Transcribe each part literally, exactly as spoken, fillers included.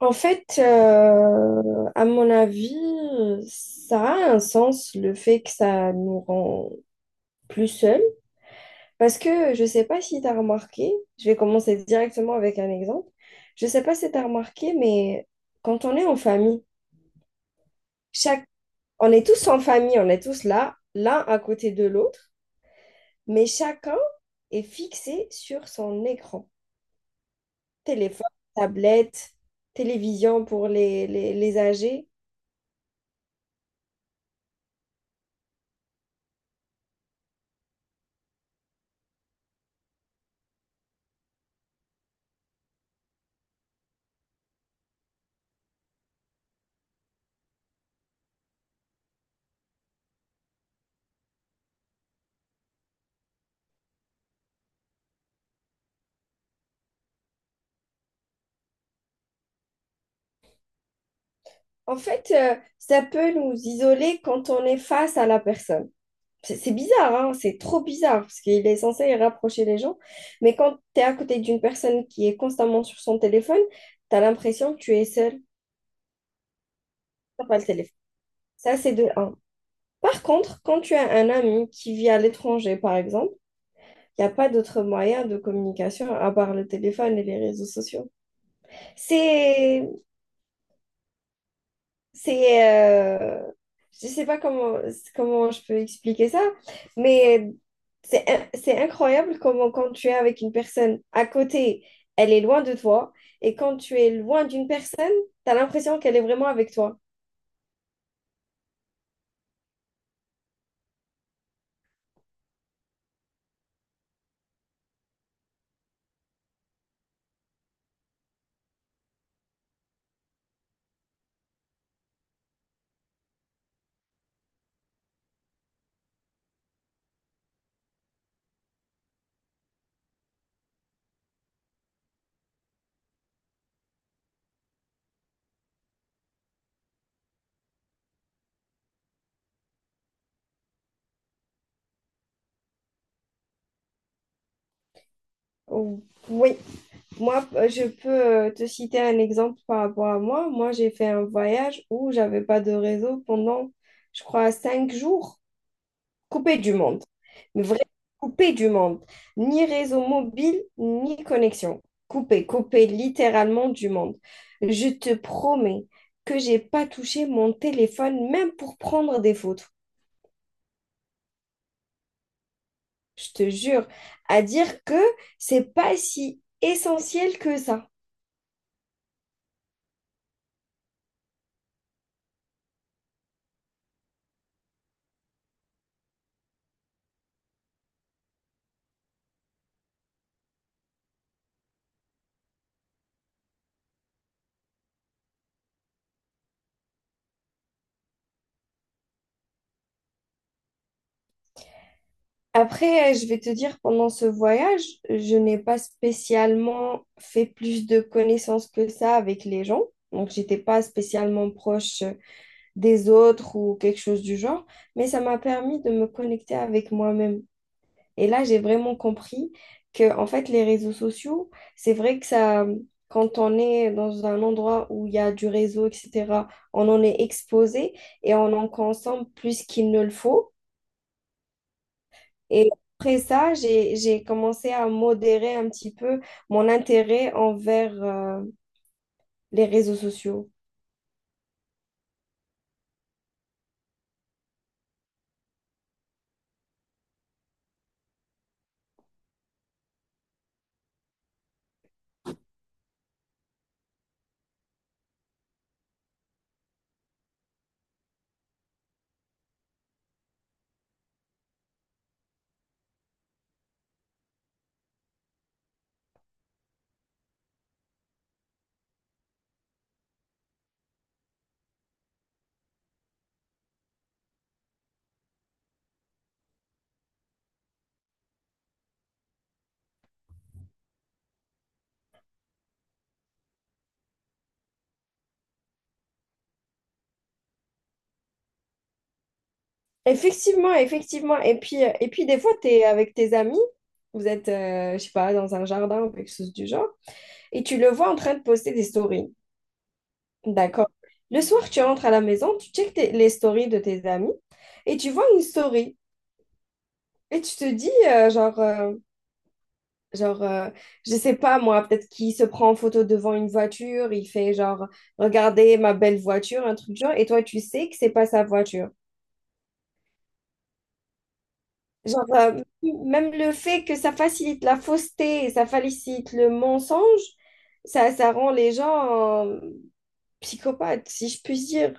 En fait, euh, à mon avis, ça a un sens le fait que ça nous rend plus seuls. Parce que je ne sais pas si tu as remarqué, je vais commencer directement avec un exemple. Je ne sais pas si tu as remarqué, mais quand on est en famille, chaque... on est tous en famille, on est tous là, l'un à côté de l'autre, mais chacun est fixé sur son écran. Téléphone, tablette, télévision pour les, les, les âgés. En fait, euh, ça peut nous isoler quand on est face à la personne. C'est c'est bizarre, hein, c'est trop bizarre, parce qu'il est censé rapprocher les gens. Mais quand tu es à côté d'une personne qui est constamment sur son téléphone, tu as l'impression que tu es seul, t'as pas le téléphone. Ça, c'est de un. Par contre, quand tu as un ami qui vit à l'étranger, par exemple, il n'y a pas d'autre moyen de communication à part le téléphone et les réseaux sociaux. C'est C'est, euh, je sais pas comment, comment je peux expliquer ça, mais c'est, in- c'est incroyable comment quand tu es avec une personne à côté, elle est loin de toi, et quand tu es loin d'une personne, tu as l'impression qu'elle est vraiment avec toi. Ou- Oui, moi, euh, je peux euh, te citer un exemple par rapport à moi. Moi, j'ai fait un voyage où j'avais pas de réseau pendant, je crois, cinq jours. Coupé du monde. Mais vraiment coupé du monde. Ni réseau mobile, ni connexion. Coupé, coupé littéralement du monde. Je te promets que j'ai pas touché mon téléphone même pour prendre des photos. Je te jure, à dire que c'est pas si essentiel que ça. Après, euh, je vais te dire, pendant ce voyage, je n'ai pas spécialement fait plus de connaissances que ça avec les gens. Donc, j'étais pas spécialement proche euh, des autres ou quelque chose du genre, mais ça m'a permis de me connecter avec moi-même. Et là, j'ai vraiment compris que, en fait, les réseaux sociaux, c'est vrai que ça, quand on est dans un endroit où il y a du réseau, et cetera, on en est exposé et on en consomme plus qu'il ne le faut. Et après ça, j'ai, j'ai commencé à modérer un petit peu mon intérêt envers euh, les réseaux sociaux. Effectivement, effectivement. Et puis, euh, et puis des fois, tu es avec tes amis, vous êtes, euh, je sais pas, dans un jardin ou quelque chose du genre, et tu le vois en train de poster des stories. D'accord. Le soir, tu rentres à la maison, tu checkes tes- les stories de tes amis, et tu vois une story. Et tu te dis, euh, genre, euh, Genre, euh, Je sais pas moi, peut-être qu'il se prend en photo devant une voiture, il fait genre, regardez ma belle voiture, un truc du genre, et toi tu sais que c'est pas sa voiture. Genre, euh, Même le fait que ça facilite la fausseté, ça facilite le mensonge, ça, ça rend les gens euh, psychopathes, si je puis dire.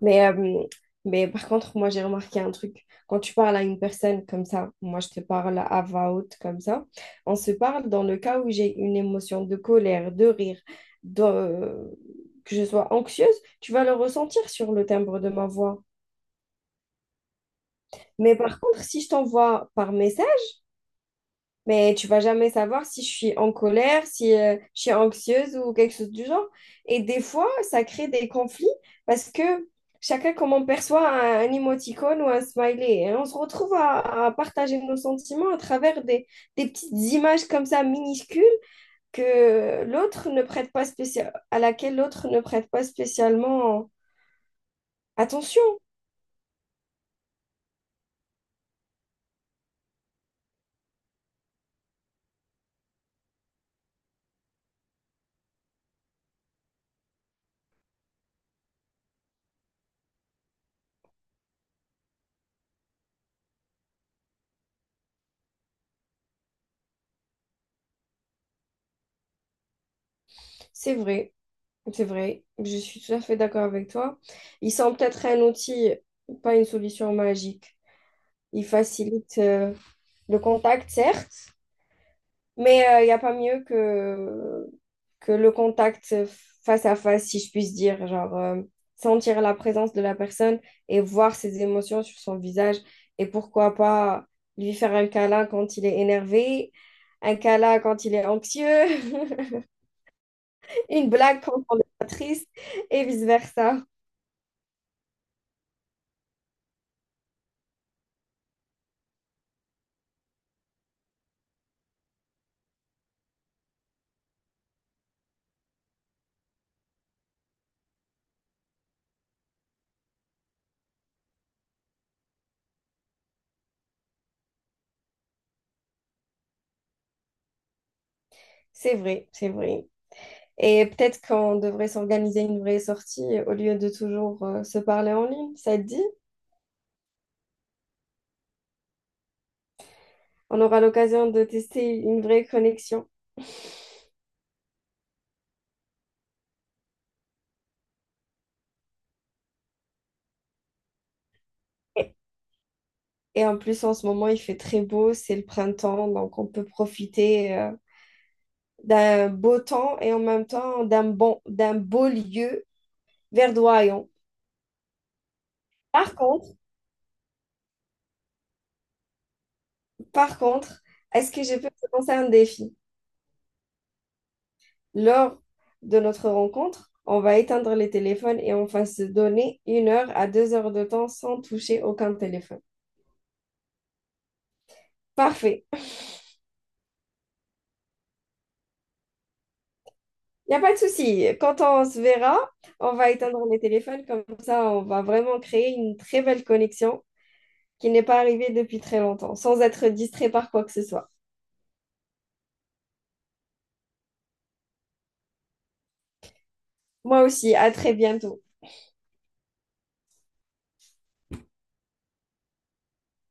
Mais, euh, mais par contre, moi, j'ai remarqué un truc. Quand tu parles à une personne comme ça, moi, je te parle à voix haute comme ça, on se parle dans le cas où j'ai une émotion de colère, de rire, de, que je sois anxieuse, tu vas le ressentir sur le timbre de ma voix. Mais par contre, si je t'envoie par message, mais tu vas jamais savoir si je suis en colère, si euh, je suis anxieuse ou quelque chose du genre. Et des fois, ça crée des conflits parce que chacun, comment on perçoit un, un émoticône ou un smiley, et on se retrouve à, à partager nos sentiments à travers des, des petites images comme ça minuscules que l'autre ne prête pas spécial, à laquelle l'autre ne prête pas spécialement attention. C'est vrai, c'est vrai. Je suis tout à fait d'accord avec toi. Ils sont peut-être un outil, pas une solution magique. Il facilite euh, le contact, certes, mais euh, il n'y a pas mieux que, que le contact face à face, si je puisse dire. Genre, euh, sentir la présence de la personne et voir ses émotions sur son visage. Et pourquoi pas lui faire un câlin quand il est énervé, un câlin quand il est anxieux, une blague quand on est triste et vice-versa. C'est vrai, c'est vrai. Et peut-être qu'on devrait s'organiser une vraie sortie euh, au lieu de toujours euh, se parler en ligne. Ça te dit? On aura l'occasion de tester une vraie connexion. Et et en plus, en ce moment, il fait très beau, c'est le printemps, donc on peut profiter euh, d'un beau temps et en même temps d'un bon, d'un beau lieu verdoyant. Par contre, par contre, est-ce que je peux te lancer un défi? Lors de notre rencontre, on va éteindre les téléphones et on va se donner une heure à deux heures de temps sans toucher aucun téléphone. Parfait. Il n'y a pas de souci. Quand on se verra, on va éteindre les téléphones. Comme ça, on va vraiment créer une très belle connexion qui n'est pas arrivée depuis très longtemps, sans être distrait par quoi que ce soit. Moi aussi, à très bientôt.